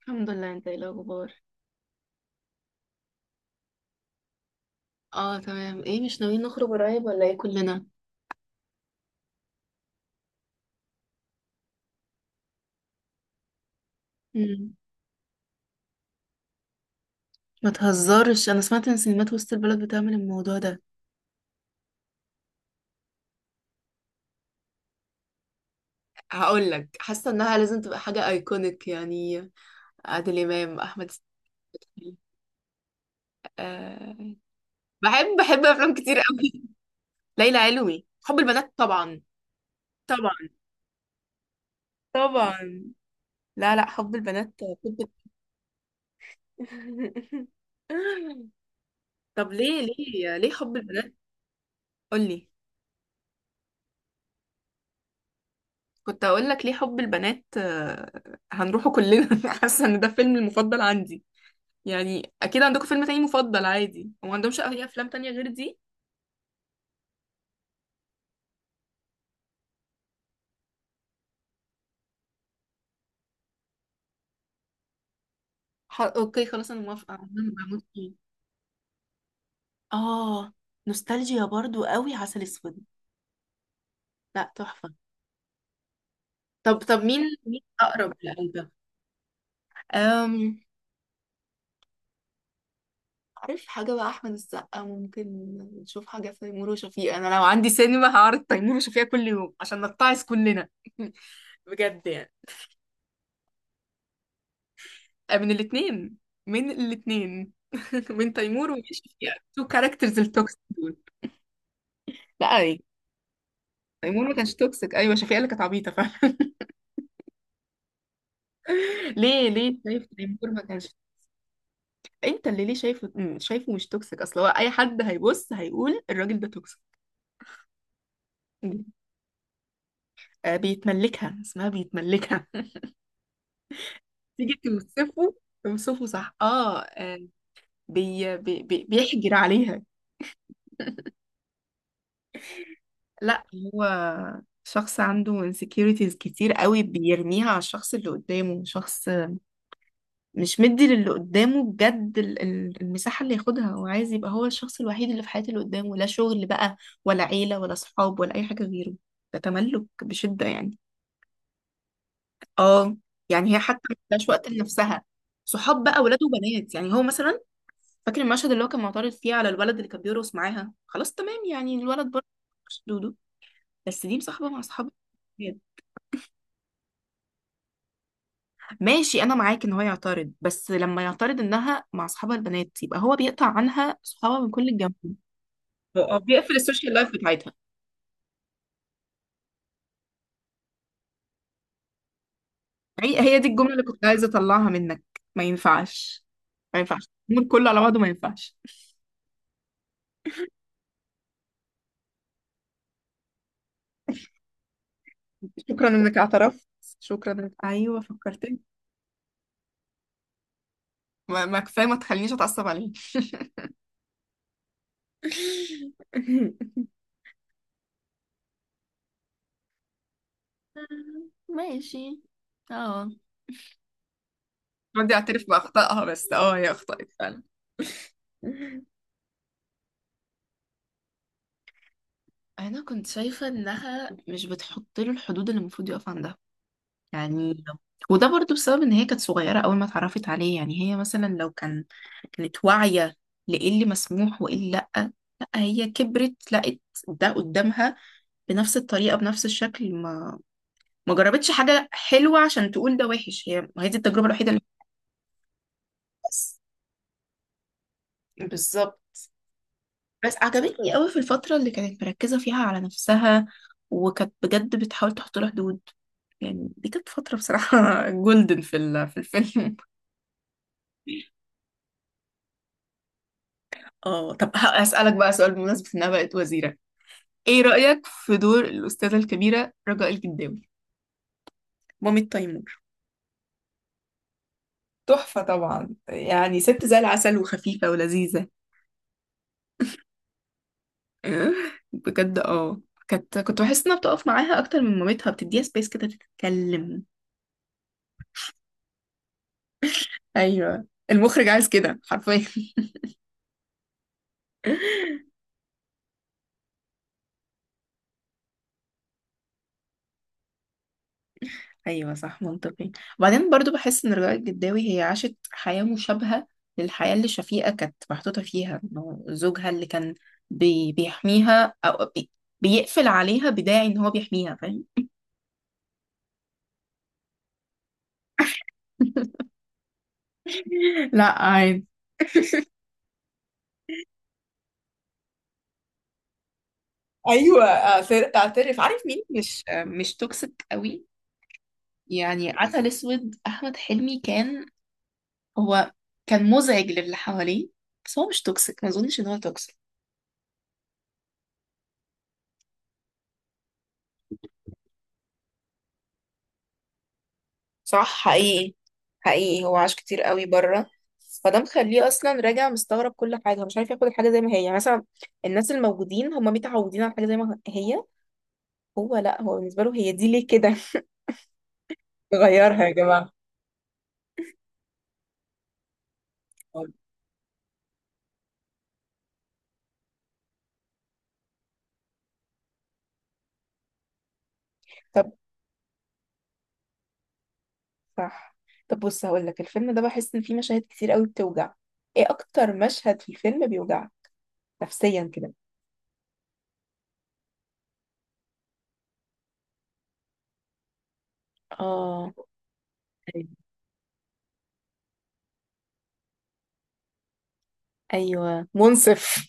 الحمد لله، انت ايه الاخبار؟ اه تمام. ايه مش ناويين نخرج قريب ولا ايه كلنا؟ مم. ما تهزرش، انا سمعت ان سينمات وسط البلد بتعمل الموضوع ده. هقول لك، حاسه انها لازم تبقى حاجه ايكونيك يعني، عادل امام، احمد السقا. أه. بحب افلام كتير قوي. ليلى علوي، حب البنات طبعا، طبعا، طبعا. لا، لا، حب البنات. طب. طب، ليه ليه ليه حب البنات؟ قولي. كنت هقول لك ليه حب البنات. هنروحه كلنا. حاسه ان ده فيلم المفضل عندي، يعني اكيد عندكم فيلم تاني مفضل عادي، وما عندهمش اي افلام تانية غير دي؟ اوكي خلاص، انا موافقه، انا بموت فيه. اه، نوستالجيا برضو قوي عسل اسود. لا، تحفه. طب مين؟ مين اقرب لقلبك؟ أم... عارف، حاجة بقى أحمد السقا ممكن نشوف حاجة في تيمور وشفيقة. أنا لو عندي سينما هعرض تيمور وشفيقة كل يوم عشان نتعس كلنا. بجد يعني. من الاثنين، من الاثنين. من تيمور ومن شفيقة، تو كاركترز التوكسيك دول. لا يعني، تيمور ما كانش توكسيك. ايوه، شفيقة اللي كانت عبيطه فعلا. ليه، ليه شايف تيمور ما كانش؟ انت اللي ليه شايفه شايفه مش توكسيك. اصل هو اي حد هيبص هيقول الراجل ده توكسيك. آه، بيتملكها، اسمها بيتملكها. تيجي توصفه؟ توصفه صح، اه. بيحجر عليها. لا، هو شخص عنده insecurities كتير قوي، بيرميها على الشخص اللي قدامه. شخص مش مدي للي قدامه بجد المساحة اللي ياخدها، وعايز يبقى هو الشخص الوحيد اللي في حياة اللي قدامه. لا شغل بقى، ولا عيلة، ولا صحاب، ولا أي حاجة غيره. ده تملك بشدة يعني. اه، يعني هي حتى مش وقت لنفسها، صحاب بقى، ولاد وبنات. يعني هو مثلا فاكر المشهد اللي هو كان معترض فيه على الولد اللي كان بيرقص معاها. خلاص، تمام، يعني الولد برضه مش دودو، بس دي مصاحبة مع أصحاب الولاد. ماشي، انا معاك ان هو يعترض، بس لما يعترض انها مع اصحابها البنات يبقى هو بيقطع عنها صحابها من كل الجنب. هو بيقفل السوشيال لايف بتاعتها. هي دي الجملة اللي كنت عايزة أطلعها منك. ما ينفعش، ما ينفعش الأمور كله على بعضه، ما ينفعش. شكرا إنك اعترفت، شكرا إنك، أيوه، فكرتني. ما كفاية، ما تخلينيش أتعصب عليه. ماشي. اه، بدي أعترف بأخطائها، بس هي أخطأت فعلا. انا كنت شايفه انها مش بتحط له الحدود اللي المفروض يقف عندها، يعني. وده برضو بسبب ان هي كانت صغيرة اول ما اتعرفت عليه. يعني هي مثلا لو كان، كانت واعية لإيه اللي مسموح وإيه اللي لأ. لأ، هي كبرت لقت ده قدامها، بنفس الطريقة بنفس الشكل. ما جربتش حاجة حلوة عشان تقول ده وحش. هي ما هي دي التجربة الوحيدة اللي، بس، بالظبط. بس عجبتني قوي في الفترة اللي كانت مركزة فيها على نفسها، وكانت بجد بتحاول تحط لها حدود. يعني دي كانت فترة، بصراحة، جولدن في في الفيلم. اه، طب هسألك بقى سؤال، بمناسبة انها بقت وزيرة، ايه رأيك في دور الأستاذة الكبيرة رجاء الجداوي، مامة تيمور؟ تحفة طبعا، يعني ست زي العسل، وخفيفة ولذيذة. آه، بجد. اه، كنت بحس انها بتقف معاها اكتر من مامتها، بتديها سبيس كده تتكلم. ايوه، المخرج عايز كده حرفيا. ايوه، صح، منطقي. وبعدين برضو بحس ان رجاء الجداوي هي عاشت حياه مشابهه للحياه اللي شفيقه كانت محطوطه فيها، انه زوجها اللي كان بيحميها، او بيقفل عليها بداعي ان هو بيحميها، فاهم؟ لا عادي. ايوه، اعترف. عارف مين مش توكسيك قوي؟ يعني عسل اسود، احمد حلمي، كان هو كان مزعج للي حواليه، بس هو مش توكسيك. ما اظنش ان هو توكسيك. صح، حقيقي. حقيقي، هو عاش كتير قوي بره، فده مخليه اصلا راجع مستغرب كل حاجه، مش عارف ياخد الحاجه زي ما هي. يعني مثلا الناس الموجودين هم متعودين على حاجه زي ما هي، هو لا، هو بالنسبه له هي دي ليه كده. غيرها يا جماعة. طب، صح. طب بص، هقول لك الفيلم ده بحس ان فيه مشاهد كتير قوي بتوجع. ايه اكتر مشهد في الفيلم بيوجعك نفسيا كده؟ اه، ايوه، منصف.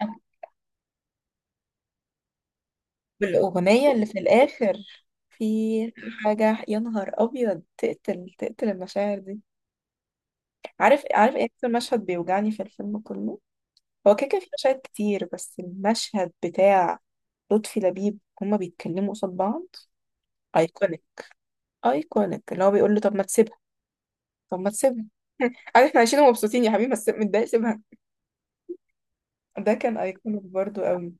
بالأغنية اللي في الآخر، في حاجة يا نهار أبيض، تقتل تقتل المشاعر دي. عارف، إيه أكتر مشهد بيوجعني في الفيلم كله؟ هو كده كده في مشاهد كتير، بس المشهد بتاع لطفي لبيب، هما بيتكلموا قصاد بعض. ايكونيك، ايكونيك، اللي هو بيقول له: طب ما تسيبها، طب ما تسيبها. عارف، احنا عايشين ومبسوطين يا حبيبي بس متضايق سيبها. ده كان ايكونيك برضو قوي.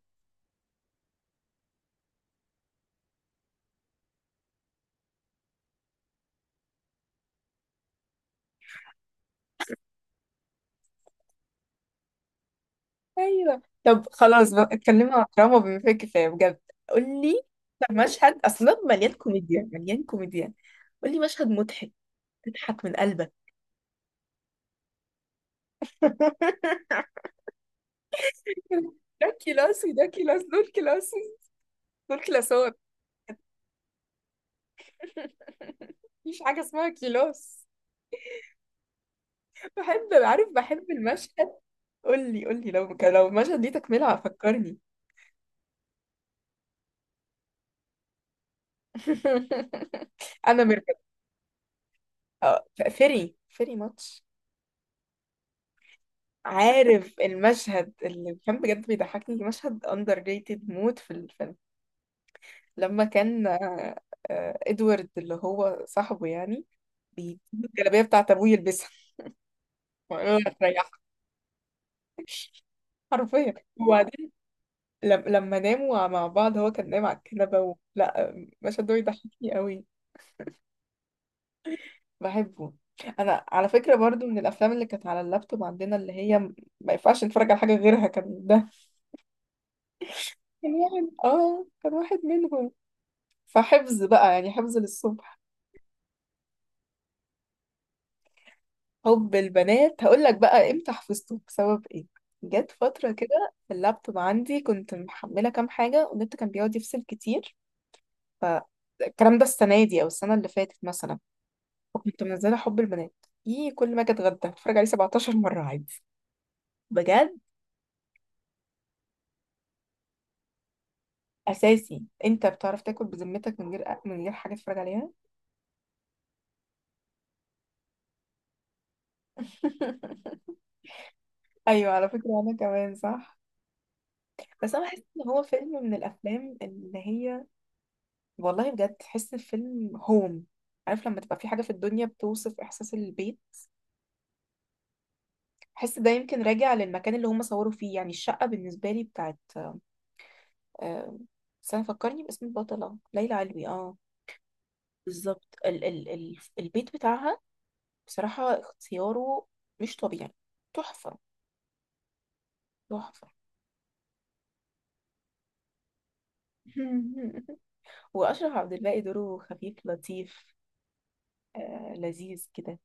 ايوه، طب خلاص بقى، اتكلمنا عن دراما بما فيه الكفايه، بجد. قول لي. طب مشهد اصلا مليان كوميديا، مليان كوميديا. قول لي مشهد مضحك تضحك من قلبك. ده كيلاسي، ده كيلاس، دول كيلاسي، دول كلاسات. مفيش حاجه اسمها كيلاس. بحب، عارف، بحب المشهد. قول لي، قول لي، لو المشهد ليه تكمله، فكرني. انا مركب. فيري فيري ماتش. عارف المشهد اللي كان بجد بيضحكني، مشهد اندر ريتد موت في الفيلم. لما كان. ادوارد اللي هو صاحبه يعني، بيجيب الجلابية بتاعت ابوه يلبسها. ويقول له هتريحك، حرفيا. وبعدين، لما ناموا مع بعض، هو كان نايم على الكنبة لا، المشهد ده بيضحكني قوي. بحبه. انا على فكرة برضو من الافلام اللي كانت على اللابتوب عندنا، اللي هي ما ينفعش نتفرج على حاجة غيرها، كان ده. كان واحد، كان واحد منهم. فحفظ بقى، يعني حفظ للصبح. حب البنات هقول لك بقى امتى حفظته بسبب ايه. جت فترة كده اللابتوب عندي كنت محملة كام حاجة، والنت كان بيقعد يفصل كتير. ف الكلام ده السنة دي أو السنة اللي فاتت مثلا، وكنت منزلة حب البنات. ايه، كل ما أجي أتغدى أتفرج عليه 17 مرة عادي، بجد. أساسي أنت بتعرف تاكل بذمتك من غير، حاجة تتفرج عليها؟ أيوة، على فكرة أنا كمان صح. بس أنا بحس إن هو فيلم من الأفلام اللي هي، والله بجد، تحس الفيلم هوم. عارف لما تبقى في حاجة في الدنيا بتوصف إحساس البيت؟ بحس ده يمكن راجع للمكان اللي هم صوروا فيه، يعني الشقة بالنسبة لي بتاعت، آه، استنى فكرني باسم البطلة، ليلى علوي، اه. بالظبط، ال البيت بتاعها، بصراحة اختياره مش طبيعي، تحفة، تحفة. وأشرف عبد الباقي دوره خفيف لطيف، آه، لذيذ كده.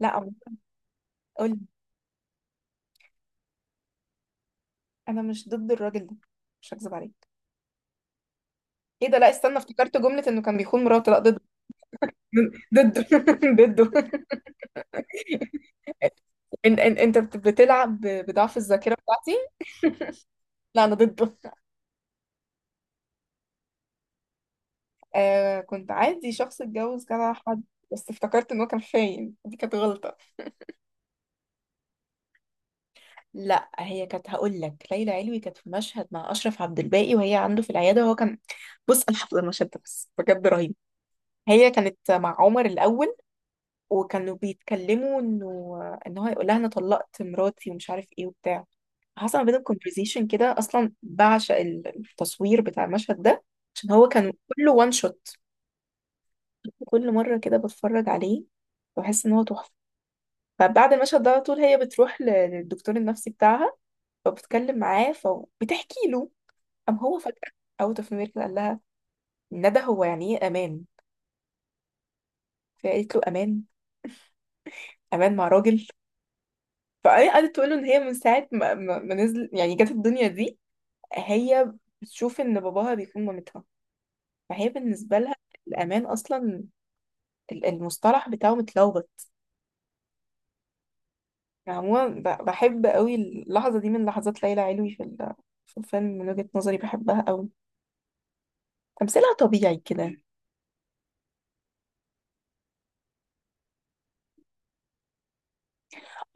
لا، قولي. أنا مش ضد الراجل ده، مش هكذب عليك. ايه ده؟ لا استنى، افتكرت جملة انه كان بيخون مراته، لا ضد. ضده. ضده. ان انت بتلعب بضعف الذاكرة بتاعتي. لا، انا ضده. آه، كنت عادي شخص اتجوز كذا حد، بس افتكرت ان هو كان خاين، دي كانت غلطة. لا، هي كانت، هقول لك، ليلى علوي كانت في مشهد مع اشرف عبد الباقي، وهي عنده في العيادة وهو كان، بص انا حافظة المشهد ده بس بجد رهيب. هي كانت مع عمر الاول، وكانوا بيتكلموا انه، ان هو هيقول لها انا طلقت مراتي ومش عارف ايه وبتاع. حصل ما بينهم كونفرزيشن كده، اصلا بعشق التصوير بتاع المشهد ده، عشان هو كان كله وان شوت. كل مره كده بتفرج عليه بحس ان هو تحفه. فبعد المشهد ده على طول، هي بتروح للدكتور النفسي بتاعها، فبتتكلم معاه، فبتحكي له. قام هو فجاه، اوت اوف نوير، قال لها: ندى، هو يعني ايه امان؟ فقالت له: امان، امان مع راجل. فقعدت تقول له ان هي من ساعه ما نزل، يعني جت الدنيا دي، هي بتشوف ان باباها بيكون مامتها. فهي بالنسبه لها الامان اصلا، المصطلح بتاعه متلخبط. عموما بحب قوي اللحظه دي من لحظات ليلى علوي في في الفيلم، من وجهه نظري بحبها قوي، تمثيلها طبيعي كده.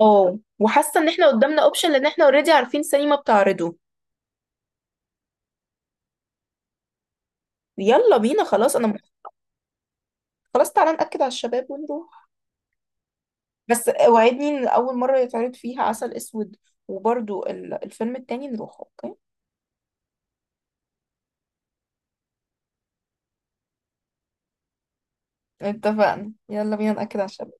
اه، وحاسه ان احنا قدامنا اوبشن، لان احنا اوريدي عارفين سينما بتعرضه. يلا بينا، خلاص، خلاص تعالى ناكد على الشباب ونروح. بس وعدني ان اول مره يتعرض فيها عسل اسود، وبرضو الفيلم التاني نروح، اوكي؟ اتفقنا، يلا بينا نأكد على الشباب.